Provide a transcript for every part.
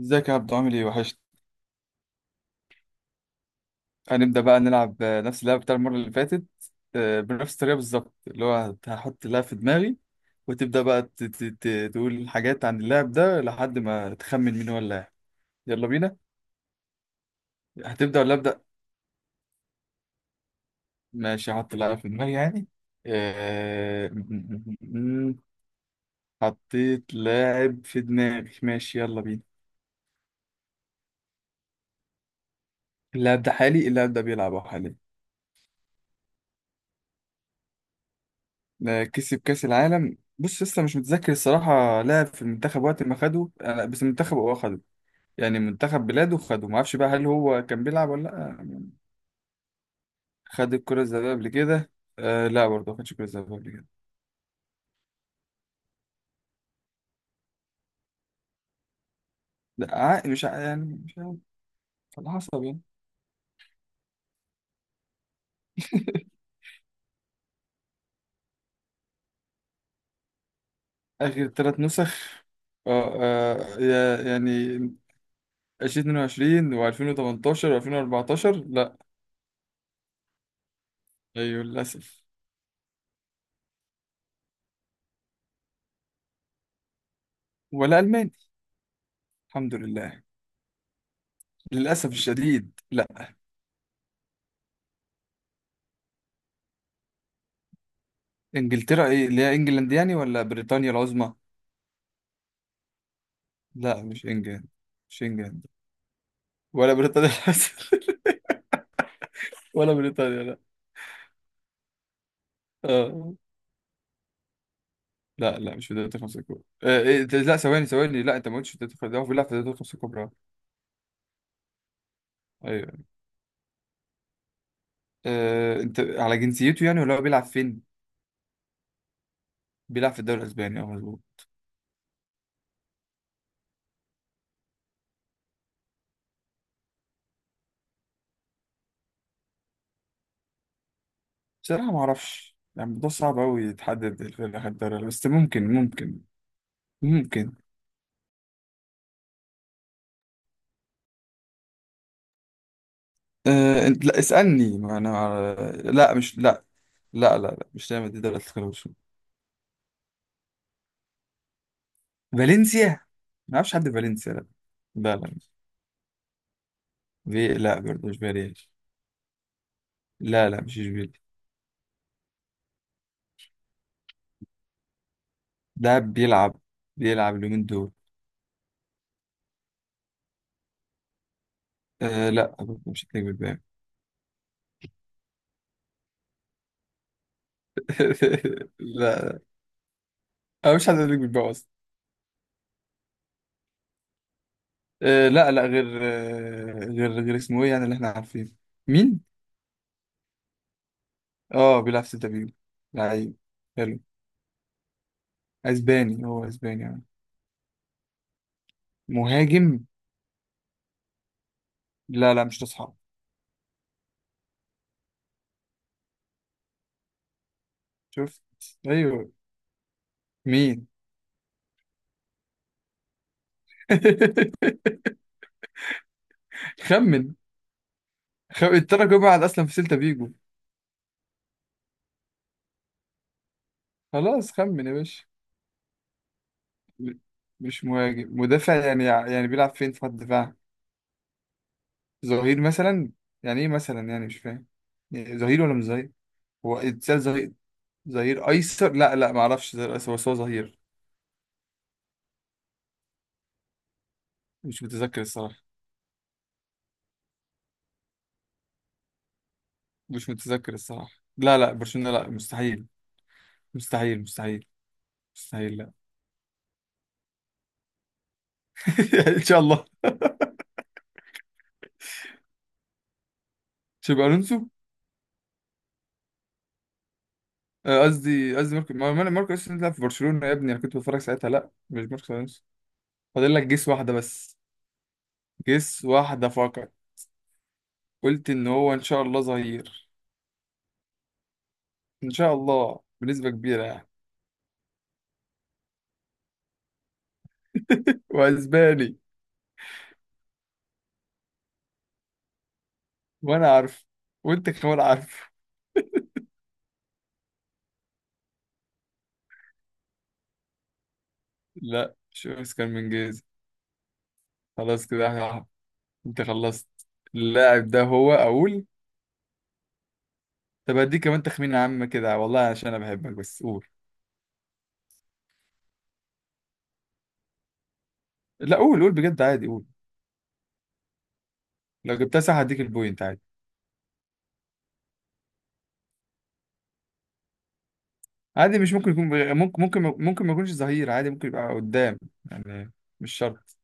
ازيك يا عبدو، عامل ايه؟ وحشت. هنبدأ بقى نلعب، نفس اللعبة بتاع المرة اللي فاتت. بنفس الطريقة بالظبط، اللي هو هحط اللعبة في دماغي، وتبدأ بقى تقول حاجات عن اللاعب ده لحد ما تخمن مين هو اللاعب. يلا بينا. هتبدأ ولا أبدأ؟ ماشي، هحط اللعبة في دماغي يعني. آه، حطيت لاعب في دماغي. ماشي، يلا بينا. اللاعب ده حالي، اللاعب ده بيلعب أهو حاليا. كسب كأس العالم. بص، لسه مش متذكر الصراحة، لعب في المنتخب وقت ما خده بس المنتخب هو خده. يعني منتخب بلاده خده، ما اعرفش بقى هل هو كان بيلعب ولا لا. خد الكرة الذهبية قبل كده؟ آه لا، برضه ما خدش الكرة الذهبية قبل كده. لا، ع- مش ع- يعني مش عارف. على حسب يعني. آخر ثلاث نسخ؟ اه، يعني 2022 و2018 و2014، لا. ايوه للأسف. ولا ألماني. الحمد لله. للأسف الشديد، لا. انجلترا؟ ايه اللي هي انجلاند يعني ولا بريطانيا العظمى؟ لا، مش انجلاند. مش انجلاند ولا بريطانيا العظمى. ولا بريطانيا، لا. اه، لا لا، مش في دوري الخمسة الكبرى. لا، ثواني ثواني، لا انت ما قلتش في دوري الخمسة، هو بيلعب في دوري الخمسة الكبرى. ايوه. انت على جنسيته يعني ولا هو بيلعب فين؟ بيلعب في الدوري الاسباني، اه مظبوط. بصراحة ما اعرفش يعني، الموضوع صعب قوي يتحدد الفرق اللي خد الدوري، بس ممكن. ممكن. انت لا اسألني، ما انا لا مش لا. لا لا, لا مش دايما دي دوري الخمسة. فالنسيا؟ ما اعرفش حد في فالنسيا، لا. لا، لا. في، لا برضه مش فيريال. لا، لا مش اشبيليا. ده بيلعب اليومين دول. لا برضه، مش هتلاقي بالباقي. لا، أنا مش حد هتلاقي بالباقي اصلا. لا، لا غير غير اسمه ايه يعني، اللي احنا عارفينه. مين؟ اه، بيلعب في سيلتا فيجو. لعيب. حلو. اسباني، هو اسباني يعني. مهاجم. لا، لا مش تصحى. شفت؟ ايوه. مين؟ خمن. الترجي بيلعب اصلا في سيلتا فيجو. خلاص، خمن يا باشا. م- مش مهاجم، مدافع يعني بيلعب فين في خط الدفاع؟ ظهير مثلا. يعني ايه مثلا يعني؟ مش فاهم. يعني ظهير ولا مش ظهير؟ هو اتسال ظهير؟ ظهير ايسر؟ لا، لا ما اعرفش ظهير ايسر، بس هو ظهير. مش متذكر الصراحه. مش متذكر الصراحه. لا، لا برشلونه، لا مستحيل. مستحيل، مستحيل. مستحيل، لا. ان شاء الله. شابي الونسو. قصدي ماركو، انا، ماركو الونسو بيلعب في برشلونه يا ابني، انا كنت بتفرج ساعتها، لا مش ماركو الونسو. فاضل لك جيس واحدة بس. جيس واحدة فقط. قلت إن هو إن شاء الله ظهير. إن شاء الله، بنسبة كبيرة يعني. وأسباني. وأنا عارف. وأنت كمان عارف. لا، مش أوسكار من جيز. خلاص كده احنا- أنت خلصت؟ اللاعب ده، هو أقول. طب هديك كمان تخمين عام كده والله، عشان أنا بحبك، بس قول. لا، قول، قول بجد عادي، قول. لو جبتها صح هديك البوينت عادي. عادي، مش ممكن يكون. ممكن، ممكن، ممكن ما يكونش ظهير عادي، ممكن يبقى قدام. يعني، مش شرط.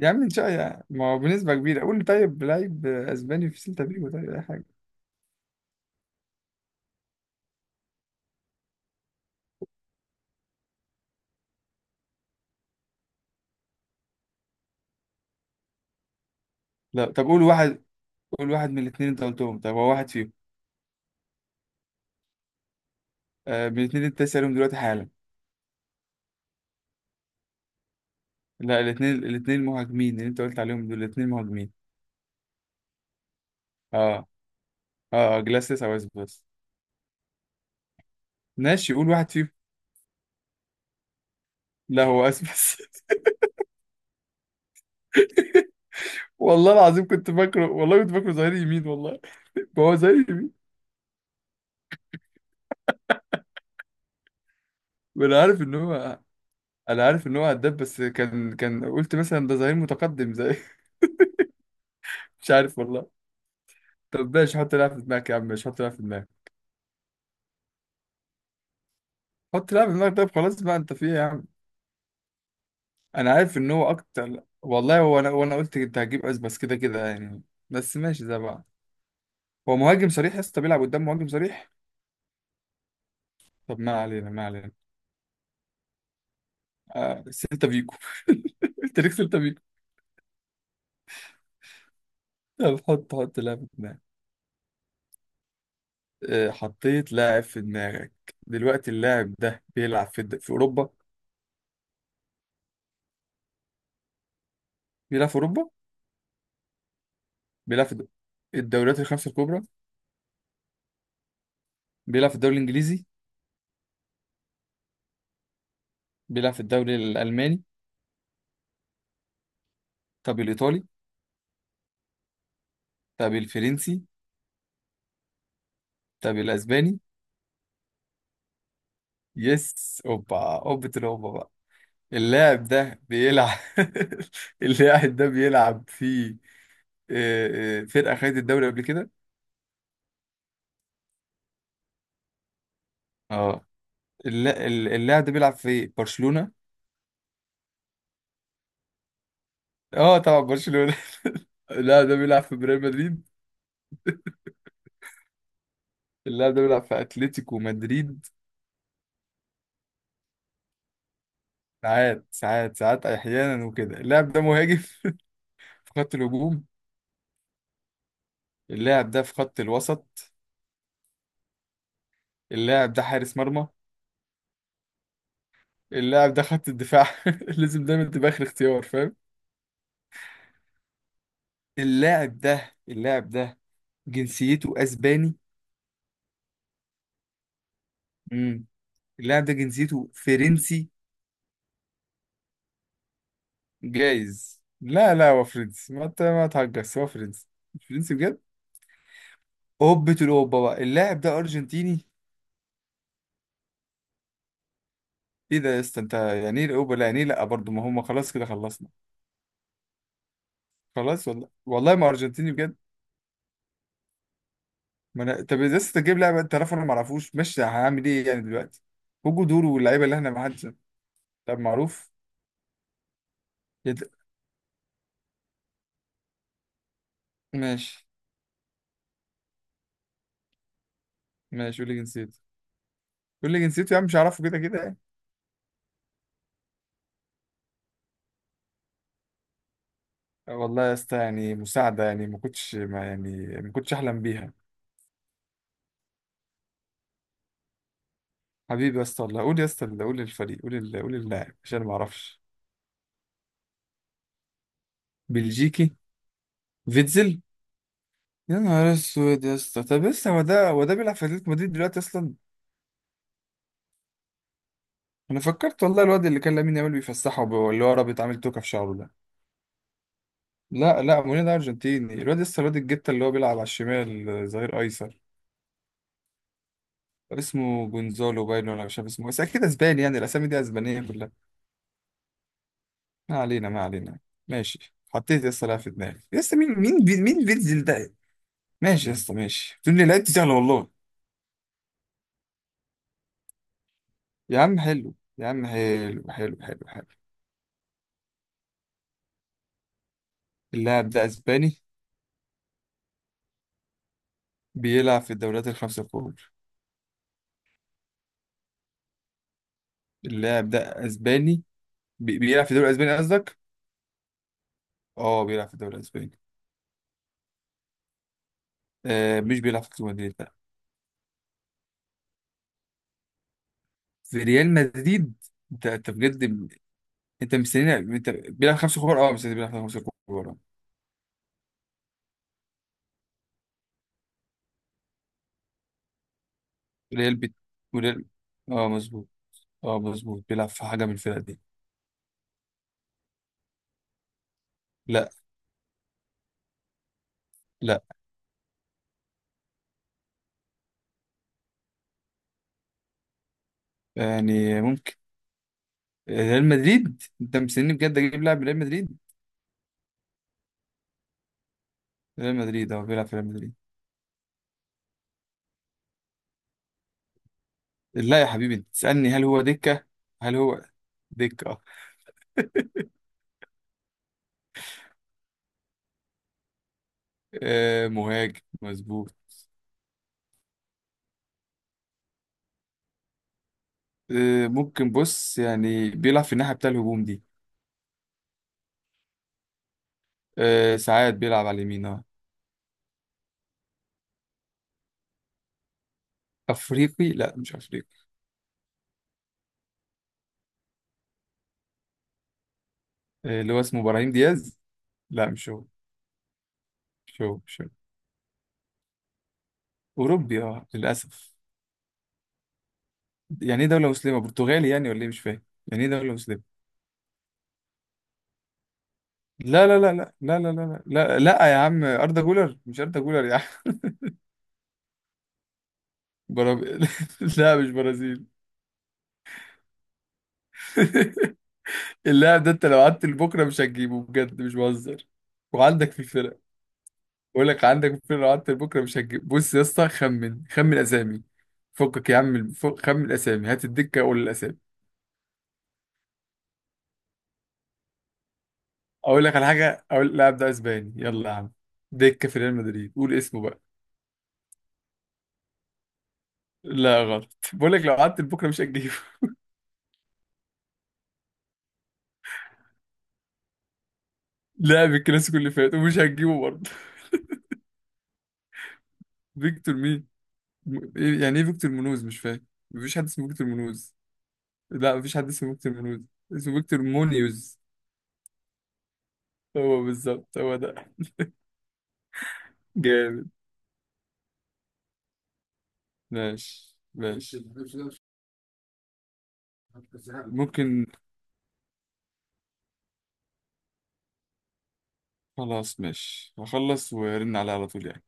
يا عم ان شاء الله يعني. ما هو بنسبة كبيرة، قول لي طيب، لعيب اسباني في سيلتا فيجو، طيب اي حاجة. لا، طب قول واحد. قول واحد من الاثنين انت قلتهم، طب هو واحد فيهم. من الاثنين اللي انت سألهم دلوقتي حالا. لا، الاثنين مهاجمين، اللي انت قلت عليهم دول الاثنين مهاجمين. اه جلاسيس او اسبس. ماشي، قول واحد فيهم. لا، هو اسبس. والله العظيم كنت فاكره، والله كنت فاكره ظهير يمين، والله. ما هو ظهير يمين. وانا عارف ان هو. انا عارف ان هو هداف، بس كان قلت مثلا ده ظهير متقدم زي. مش عارف والله. طب ماشي، حط لعبة في دماغك يا عم. ماشي، حط لعبة في دماغك. حط لعبة في دماغك. طب خلاص بقى، انت في ايه يا عم؟ انا عارف ان هو اكتر والله. هو انا قلت انت هتجيب اس بس، كده كده يعني. بس ماشي، زي بعض. هو مهاجم صريح يا اسطى، بيلعب قدام، مهاجم صريح. طب ما علينا، ما علينا. سيلتا فيجو. انت ليك سيلتا فيجو. طب حط لاعب في دماغك. حطيت لاعب في دماغك. دلوقتي اللاعب ده بيلعب في في اوروبا. بيلعب في اوروبا. بيلعب في الدوريات الخمسة الكبرى. بيلعب في الدوري الانجليزي؟ بيلعب في الدوري الالماني؟ طب الايطالي؟ طب الفرنسي؟ طب الاسباني؟ يس، اوبا اوبة الاوبا بقى. اللاعب ده بيلعب. اللاعب ده بيلعب في فرقة خدت الدوري قبل كده. اه، اللاعب ده بيلعب في برشلونة. اه طبعا، برشلونة. اللاعب ده بيلعب في ريال مدريد. اللاعب ده بيلعب في اتلتيكو مدريد. ساعات، ساعات، ساعات، احيانا وكده. اللاعب ده مهاجم في خط الهجوم. اللاعب ده في خط الوسط. اللاعب ده حارس مرمى. اللاعب ده خط الدفاع. لازم دايما تبقى اخر اختيار، فاهم. اللاعب ده جنسيته اسباني. امم اللاعب ده جنسيته فرنسي. جايز. لا، لا هو فرنسي، ما انت ما تهجس، هو فرنسي. فرنسي بجد. اوبة الاوبا بقى، اللاعب ده ارجنتيني. ايه ده يا اسطى؟ انت يعني ايه الاوبا لا؟ يعني ايه لا برضه؟ ما هم خلاص كده، خلصنا. خلاص والله، والله ما ارجنتيني بجد. ما انا، طب يا اسطى تجيب لاعب انت عارف انا ما اعرفوش، ماشي هنعمل ايه يعني دلوقتي؟ وجو دوره واللعيبه اللي احنا ما حدش. طب معروف. ماشي، ماشي، قول لي جنسيته. قول لي جنسيته يا عم، مش هعرفه كده كده يعني. والله يا اسطى، يعني مساعدة، يعني ما كنتش أحلم بيها. حبيبي يا اسطى والله، قول يا اسطى، قول الفريق، قول اللاعب عشان ما أعرفش. بلجيكي؟ فيتزل؟ يا نهار اسود يا اسطى. طب لسه هو ده بيلعب في اتلتيكو مدريد دلوقتي اصلا؟ انا فكرت والله الواد اللي كان لامين يامال بيفسحه اللي هو رابط عامل توكه في شعره ده. لا، لا مورينيو ده ارجنتيني. الواد لسه، الواد الجته اللي هو بيلعب على الشمال، ظهير ايسر. اسمه جونزالو باينو ولا مش عارف اسمه، بس اكيد اسباني يعني، الاسامي دي اسبانيه كلها. ما علينا، ما علينا. ماشي، حطيت يا اسطى لاعب في دماغي يا اسطى. مين، مين فيتزل ده؟ ماشي يا اسطى، ماشي، تقول لي لعبت سهله والله. يا عم حلو، يا عم حلو، حلو، حلو، حلو. اللاعب ده اسباني. بيلعب في الدوريات الخمسه الكبرى. اللاعب ده اسباني. بيلعب في الدوري الاسباني قصدك؟ اه، بيلعب في الدوري الاسباني. مش بيلعب في ريال مدريد؟ لا. في ريال مدريد. انت بجد؟ انت مستني انت بيلعب خمسة كبار؟ اه. مستني بيلعب خمسة كبار؟ اه. ريال بيت، وريال. اه مظبوط. اه مظبوط، بيلعب في حاجة من الفرق دي. لا، لا. يعني، ممكن. ريال مدريد؟ انت مستني بجد اجيب لاعب من ريال مدريد؟ ريال مدريد، اه بيلعب في ريال مدريد. لا يا حبيبي، انت تسألني هل هو دكة. هل هو دكة؟ اه. مهاجم مظبوط. ممكن، بص يعني، بيلعب في الناحية بتاع الهجوم دي. ساعات بيلعب على اليمين، اه. افريقي؟ لا، مش افريقي. اللي هو اسمه ابراهيم دياز. لا، مش هو. شو، شو. أوروبي، أه للأسف. يعني إيه دولة مسلمة؟ برتغالي يعني ولا إيه؟ مش فاهم يعني إيه دولة مسلمة. لا، لا، لا، لا، لا، لا، لا، لا، لا، لا يا عم، أردا جولر مش أردا جولر يا عم. برازيل؟ لا، مش برازيل. اللاعب ده أنت لو قعدت لبكرة مش هتجيبه، بجد مش بهزر. وعندك في الفرق. بقول لك عندك في الفرق، لو قعدت لبكرة مش هتجيب. بص يا اسطى، خمن، خمن أسامي. فكك يا عم، فك، خمن الأسامي، هات الدكة، قول الأسامي. أقول لك على حاجة، أقول اللاعب ده أسباني، يلا يا عم. دكة في ريال مدريد، قول اسمه بقى. لا غلط، بقول لك لو قعدت لبكره مش هتجيبه. لعب الكلاسيكو اللي فات ومش هتجيبه برضه. فيكتور مين؟ يعني ايه فيكتور منوز؟ مش فاهم، مفيش حد اسمه فيكتور منوز. لا، مفيش حد اسمه فيكتور منوز. اسمه فيكتور مونيوز. هو بالظبط، هو ده. جامد. ماشي، ماشي. ممكن. خلاص، ماشي، هخلص وارن عليه على طول يعني.